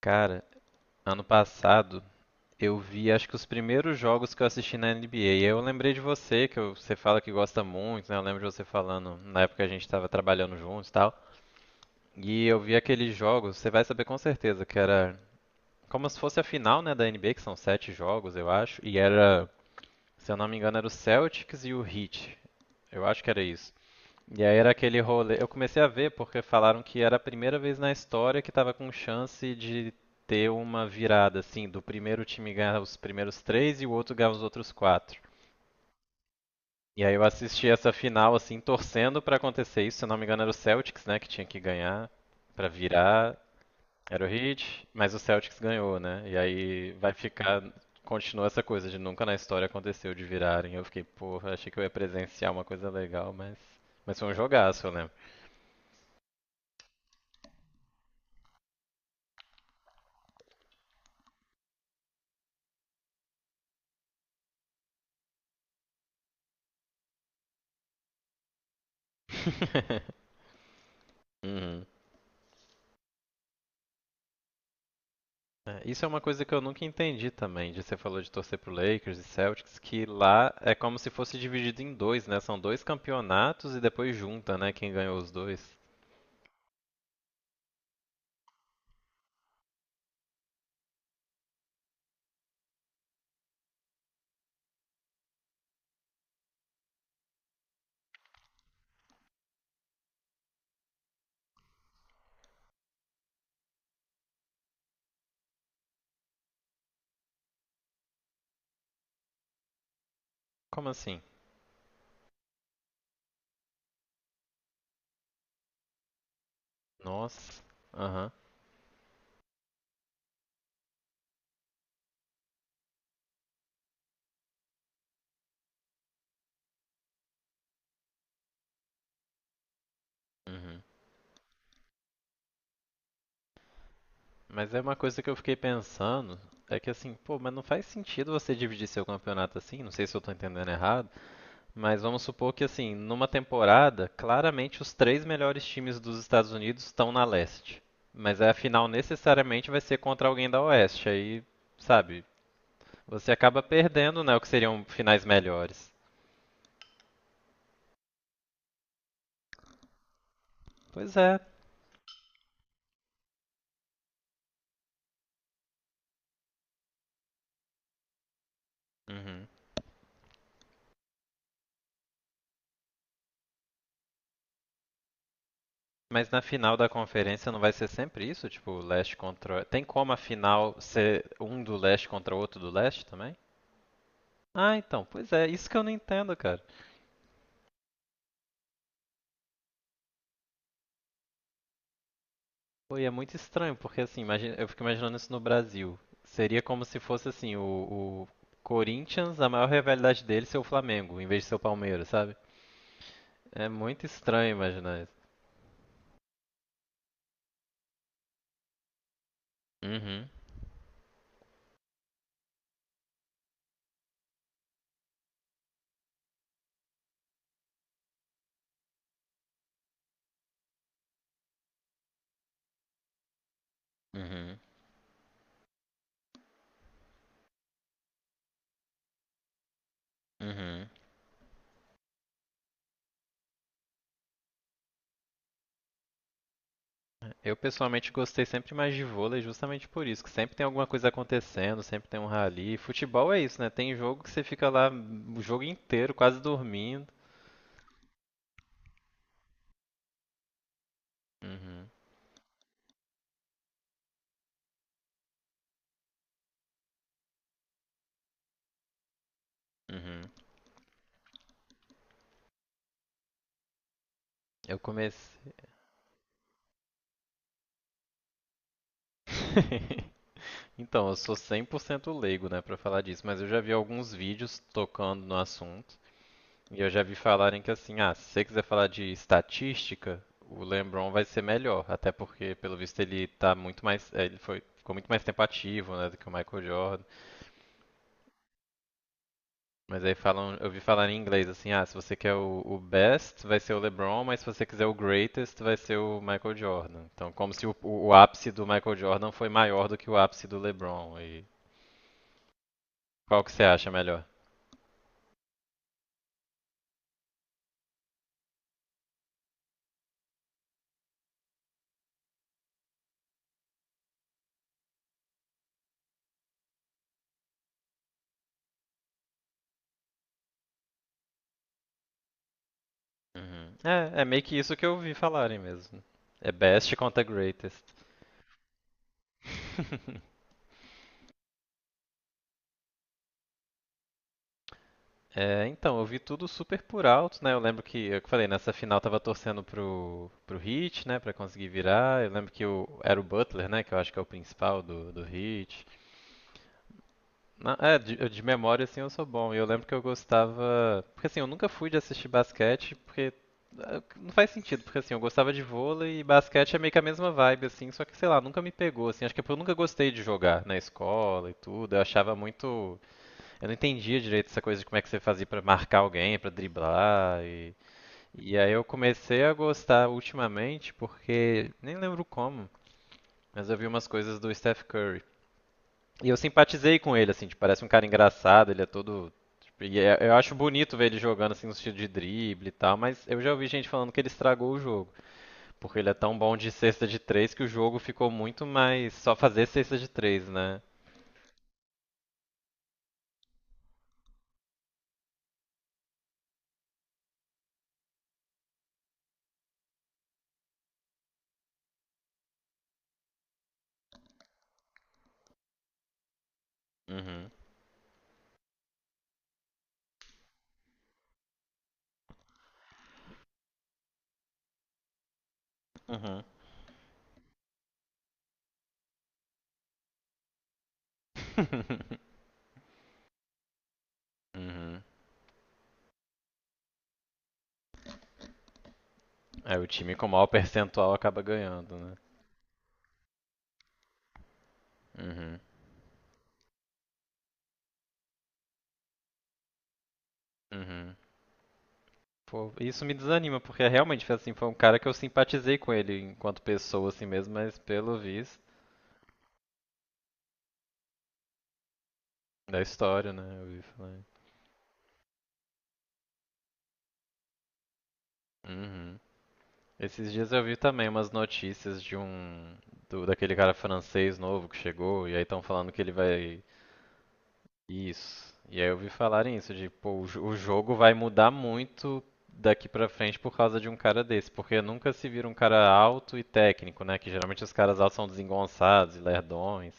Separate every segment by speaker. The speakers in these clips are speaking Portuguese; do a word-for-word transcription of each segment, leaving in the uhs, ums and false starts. Speaker 1: Cara, ano passado eu vi acho que os primeiros jogos que eu assisti na N B A. E eu lembrei de você, que eu- você fala que gosta muito, né? Eu lembro de você falando na época que a gente tava trabalhando juntos e tal. E eu vi aqueles jogos, você vai saber com certeza, que era como se fosse a final, né, da N B A, que são sete jogos, eu acho. E era, se eu não me engano, era o Celtics e o Heat. Eu acho que era isso. E aí era aquele rolê. Eu comecei a ver porque falaram que era a primeira vez na história que tava com chance de ter uma virada, assim, do primeiro time ganhar os primeiros três e o outro ganhar os outros quatro. E aí eu assisti essa final, assim, torcendo pra acontecer isso. Se eu não me engano, era o Celtics, né, que tinha que ganhar pra virar. Era o Heat, mas o Celtics ganhou, né? E aí vai ficar. Continua essa coisa de nunca na história aconteceu de virarem. Eu fiquei, porra, achei que eu ia presenciar uma coisa legal, mas. Mas foi um jogaço, né? Uhum. É, isso é uma coisa que eu nunca entendi também, de você falou de torcer pro Lakers e Celtics, que lá é como se fosse dividido em dois, né? São dois campeonatos e depois junta, né, quem ganhou os dois. Como assim? Nossa. Aham. Uhum. Mas é uma coisa que eu fiquei pensando, é que assim, pô, mas não faz sentido você dividir seu campeonato assim, não sei se eu tô entendendo errado. Mas vamos supor que, assim, numa temporada, claramente os três melhores times dos Estados Unidos estão na leste. Mas aí a final necessariamente vai ser contra alguém da oeste. Aí, sabe, você acaba perdendo, né, o que seriam finais melhores. Pois é. Uhum. Mas na final da conferência não vai ser sempre isso? Tipo, leste contra. Tem como a final ser um do leste contra outro do leste também? Ah, então, pois é, isso que eu não entendo, cara. Pô, e é muito estranho, porque assim, imagina, eu fico imaginando isso no Brasil. Seria como se fosse assim, o, o Corinthians, a maior rivalidade dele ser o Flamengo, em vez de ser o Palmeiras, sabe? É muito estranho imaginar isso. Uhum, uhum, uhum. Eu pessoalmente gostei sempre mais de vôlei justamente por isso, que sempre tem alguma coisa acontecendo, sempre tem um rally. Futebol é isso, né? Tem jogo que você fica lá o jogo inteiro, quase dormindo. Uhum, uhum. Eu comecei. Então, eu sou cem por cento leigo, né, pra falar disso, mas eu já vi alguns vídeos tocando no assunto e eu já vi falarem que assim, ah, se você quiser falar de estatística, o LeBron vai ser melhor, até porque pelo visto ele tá muito mais, eh, ele foi ficou muito mais tempo ativo, né, do que o Michael Jordan. Mas aí falam, eu vi falar em inglês assim, ah, se você quer o, o best, vai ser o LeBron, mas se você quiser o greatest, vai ser o Michael Jordan. Então, como se o, o, o ápice do Michael Jordan foi maior do que o ápice do LeBron. E qual que você acha melhor? Uhum. É, é meio que isso que eu ouvi falarem mesmo. É best contra greatest. É, então, eu vi tudo super por alto, né? Eu lembro que, eu que falei, nessa final eu tava torcendo pro, pro Heat, né? Pra conseguir virar. Eu lembro que o, era o Butler, né? Que eu acho que é o principal do, do Heat. Na- É, de, eu- de memória, assim, eu sou bom. E eu lembro que eu gostava. Porque, assim, eu nunca fui de assistir basquete, porque. Ah, não faz sentido, porque, assim, eu gostava de vôlei e basquete é meio que a mesma vibe, assim, só que, sei lá, nunca me pegou, assim. Acho que é porque eu nunca gostei de jogar na escola e tudo. Eu achava muito. Eu não entendia direito essa coisa de como é que você fazia pra marcar alguém, pra driblar. E, e aí eu comecei a gostar ultimamente, porque. Nem lembro como, mas eu vi umas coisas do Steph Curry. E eu simpatizei com ele, assim, tipo, parece um cara engraçado, ele é todo. Tipo, e é- eu acho bonito ver ele jogando assim no estilo de drible e tal, mas eu já ouvi gente falando que ele estragou o jogo. Porque ele é tão bom de cesta de três que o jogo ficou muito mais só fazer cesta de três, né? Uhum. Uhum. Uhum. Aí o time com maior percentual acaba ganhando, né? Uhum. Uhum. Pô, isso me desanima, porque é realmente foi assim, foi um cara que eu simpatizei com ele enquanto pessoa, assim mesmo, mas pelo visto da história, né? Eu ouvi falar. Uhum. Esses dias eu vi também umas notícias de um do, daquele cara francês novo que chegou e aí estão falando que ele vai isso. E aí eu vi falarem isso de pô, o, jo- o jogo vai mudar muito daqui pra frente por causa de um cara desse, porque nunca se vira um cara alto e técnico, né? Que geralmente os caras altos são desengonçados e lerdões.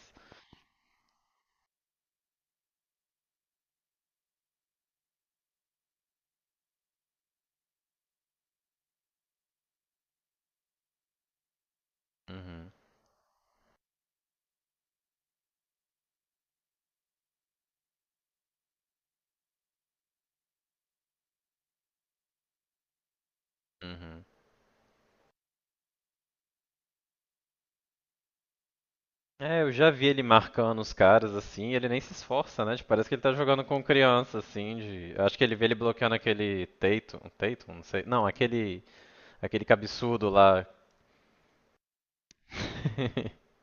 Speaker 1: Uhum. Uhum. É, eu já vi ele marcando os caras assim, e ele nem se esforça, né? Tipo, parece que ele tá jogando com criança, assim, de. Eu acho que ele vê ele bloqueando aquele Tatum, Tatum, não sei. Não, aquele. Aquele cabeçudo lá.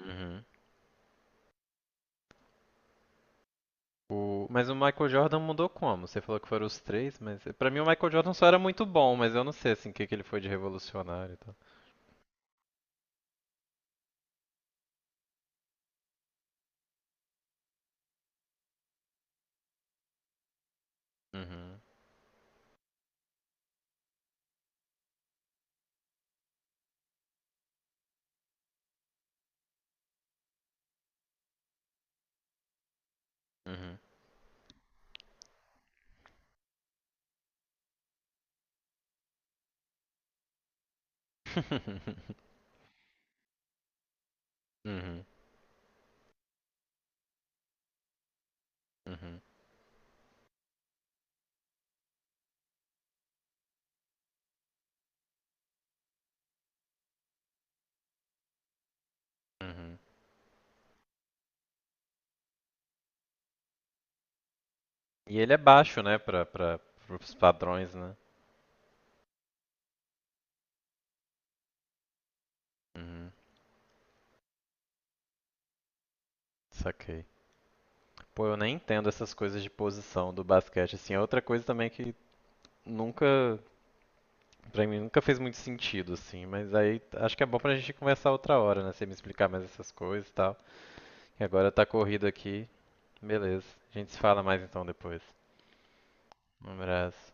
Speaker 1: Uhum. O... Mas o Michael Jordan mudou como? Você falou que foram os três, mas pra mim o Michael Jordan só era muito bom, mas eu não sei assim o que que ele foi de revolucionário e tal. Uhum. Uhum. Uhum. Uhum. Uhum. E ele é baixo, né, pra, pra, pros padrões, né? Uhum. Saquei. Pô, eu nem entendo essas coisas de posição do basquete, assim. É outra coisa também que nunca, pra mim, nunca fez muito sentido, assim. Mas aí acho que é bom pra gente conversar outra hora, né? Você me explicar mais essas coisas e tal. E agora tá corrido aqui. Beleza. A gente se fala mais então depois. Um abraço.